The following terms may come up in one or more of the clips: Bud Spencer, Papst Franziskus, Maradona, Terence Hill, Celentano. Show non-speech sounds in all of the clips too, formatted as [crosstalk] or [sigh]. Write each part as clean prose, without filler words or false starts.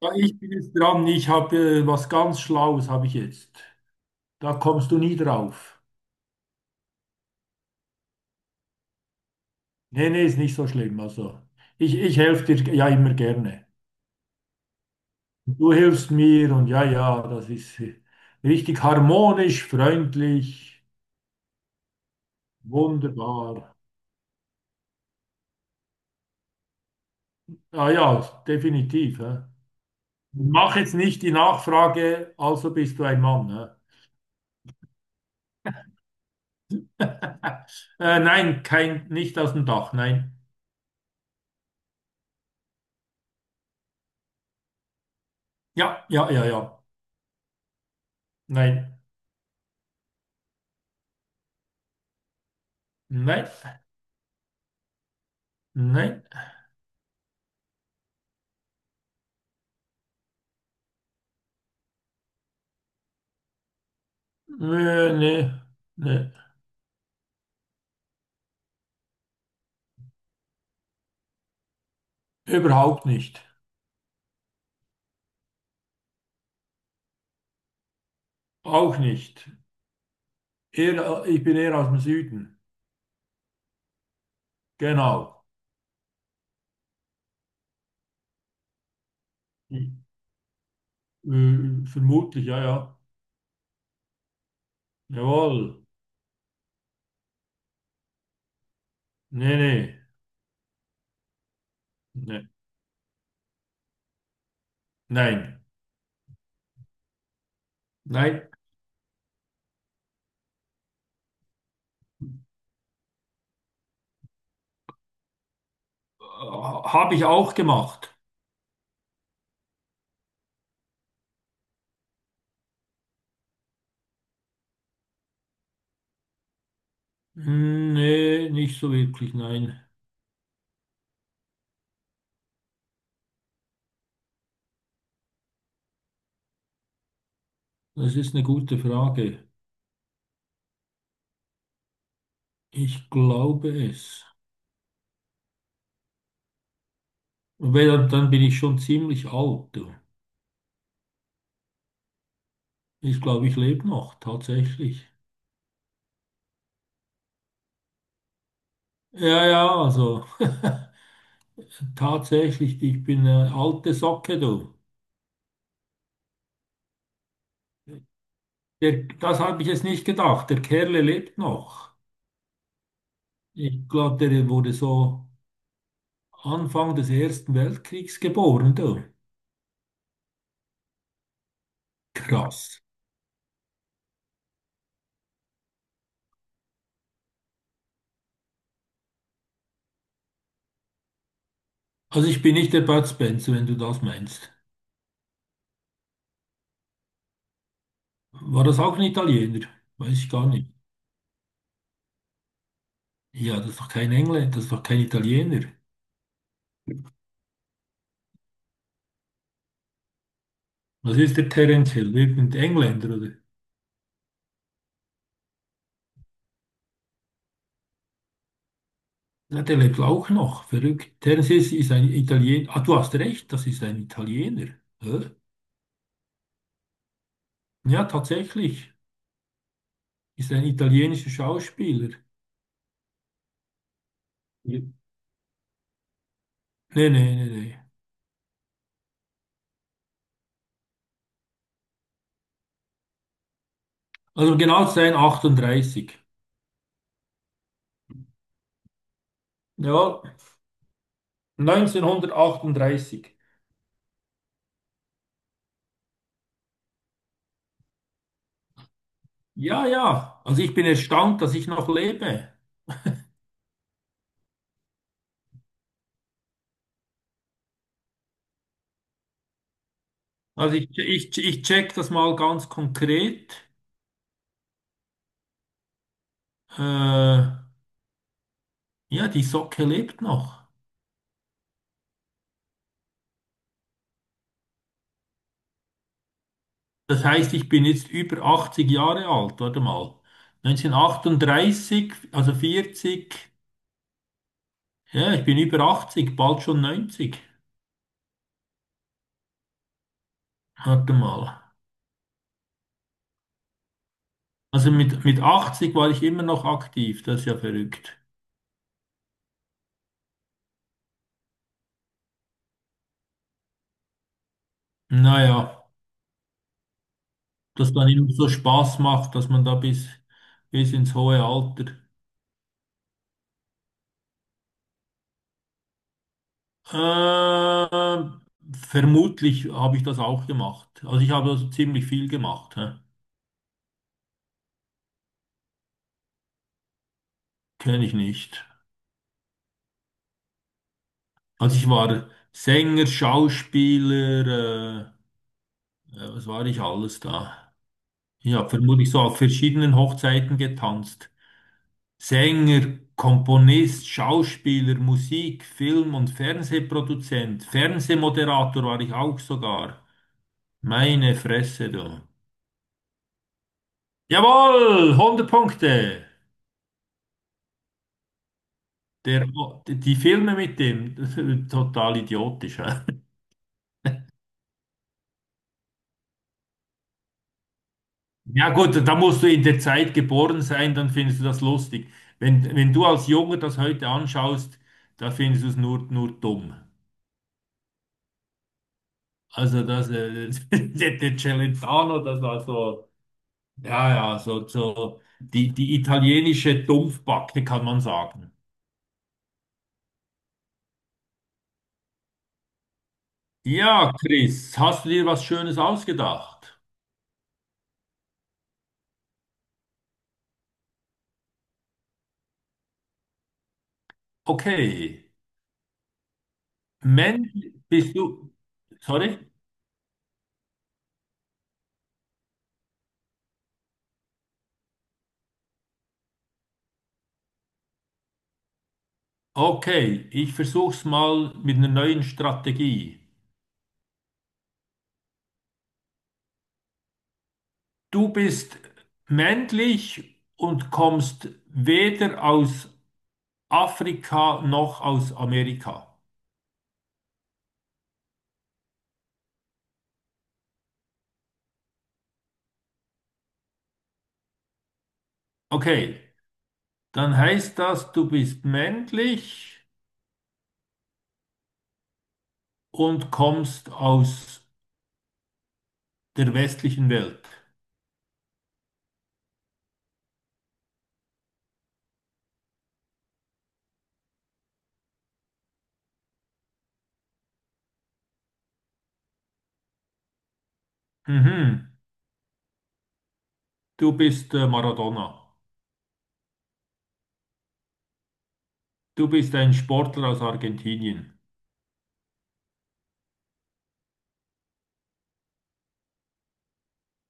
Ja, ich bin jetzt dran. Ich habe was ganz Schlaues habe ich jetzt. Da kommst du nie drauf. Nee, nee, ist nicht so schlimm. Also, ich helfe dir ja immer gerne. Du hilfst mir und ja, ja, das ist richtig harmonisch, freundlich, wunderbar. Ah ja, definitiv. Hä? Mach jetzt nicht die Nachfrage, also bist du ein Mann. Hä? [laughs] Nein, kein, nicht aus dem Dach, nein. Ja, ja, ja, ja. Nein, nein, nein. Nee, nee, nee. Überhaupt nicht. Auch nicht. Eher, ich bin eher aus dem Süden. Genau. Vermutlich, ja, ja. Jawohl. Nee, nee. Nee. Nein. Nein. Habe ich auch gemacht. Hm, nee, nicht so wirklich, nein. Das ist eine gute Frage. Ich glaube es. Weil dann bin ich schon ziemlich alt, du. Ich glaube, ich lebe noch, tatsächlich. Ja, ja, also. [laughs] Tatsächlich, ich bin eine alte Socke, du. Der, das habe ich jetzt nicht gedacht. Der Kerle lebt noch. Ich glaube, der wurde so Anfang des Ersten Weltkriegs geboren, du. Krass. Also ich bin nicht der Bud Spencer, wenn du das meinst. War das auch ein Italiener? Weiß ich gar nicht. Ja, das ist doch kein Engländer, das ist doch kein Italiener. Was ist der Terence Hill? Irgendein Engländer, oder? Ja, der lebt auch noch. Verrückt. Terence Hill ist ein Italiener. Ah, du hast recht, das ist ein Italiener. Hä? Ja, tatsächlich ist ein italienischer Schauspieler. Ja. Nee, nee, nee, nee. Also um genau zu sein, 38. Ja, neunzehnhundertachtunddreißig. Ja, ja. Also ich bin erstaunt, dass ich noch lebe. Also ich check das mal ganz konkret. Äh, ja, die Socke lebt noch. Das heißt, ich bin jetzt über 80 Jahre alt. Warte mal. Neunzehnhundertachtunddreißig, also 40. Ja, ich bin über 80, bald schon neunzig. Warte mal. Also mit 80 war ich immer noch aktiv, das ist ja verrückt. Naja, dass dann immer so Spaß macht, dass man da bis ins hohe Alter. Ähm, Vermutlich habe ich das auch gemacht. Also ich habe also ziemlich viel gemacht, hä? Kenne ich nicht. Also ich war Sänger, Schauspieler, ja, was war ich alles da? Ich habe vermutlich so auf verschiedenen Hochzeiten getanzt. Sänger, Komponist, Schauspieler, Musik, Film- und Fernsehproduzent, Fernsehmoderator war ich auch sogar. Meine Fresse, du. Jawohl, hundert Punkte. Der, die Filme mit dem, [laughs] total idiotisch. Hä? Ja gut, da musst du in der Zeit geboren sein, dann findest du das lustig. Wenn du als Junge das heute anschaust, da findest du es nur dumm. Also das, [laughs] der Celentano, das war so. Ja, ja, so, so die italienische Dumpfbacke kann man sagen. Ja, Chris, hast du dir was Schönes ausgedacht? Okay. Mensch, bist du. Sorry? Okay, ich versuch's mal mit einer neuen Strategie. Du bist männlich und kommst weder aus Afrika noch aus Amerika. Okay, dann heißt das, du bist männlich und kommst aus der westlichen Welt. Mhm. Du bist Maradona. Du bist ein Sportler aus Argentinien.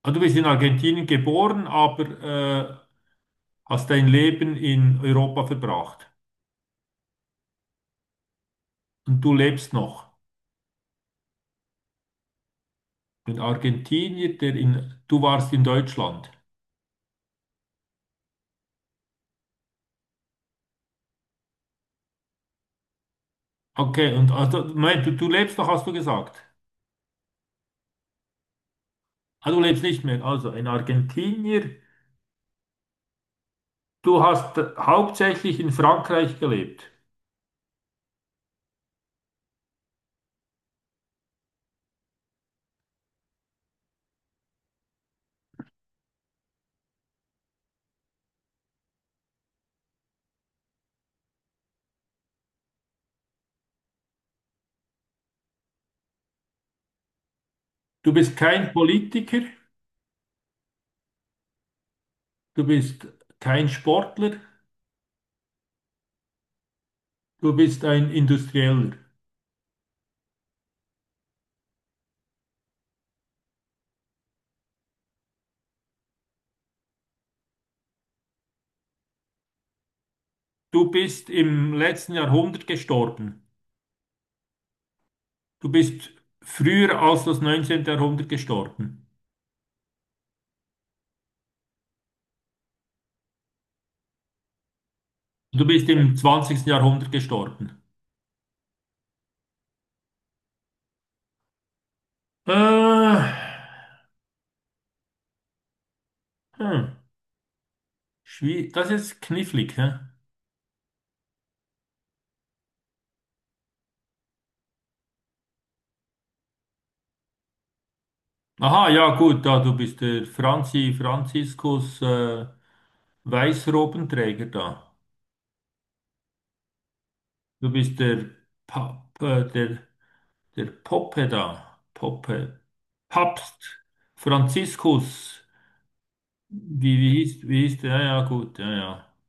Ah, du bist in Argentinien geboren, aber hast dein Leben in Europa verbracht. Und du lebst noch. Ein Argentinier, der in, du warst in Deutschland. Okay, und also, Moment, du lebst noch, hast du gesagt. Ah, du lebst nicht mehr. Also, ein Argentinier, du hast hauptsächlich in Frankreich gelebt. Du bist kein Politiker, du bist kein Sportler. Du bist ein Industrieller. Du bist im letzten Jahrhundert gestorben. Du bist früher als das 19. Jahrhundert gestorben. Du bist im zwanzigsten Jahrhundert gestorben. Äh, hm, Schwie- das ist knifflig, hä? Aha, ja gut, da du bist der Franziskus Weißrobenträger da. Du bist der der, der Poppe da. Poppe. Papst Franziskus. Wie hieß der? Ja, ja, gut, ja, ja.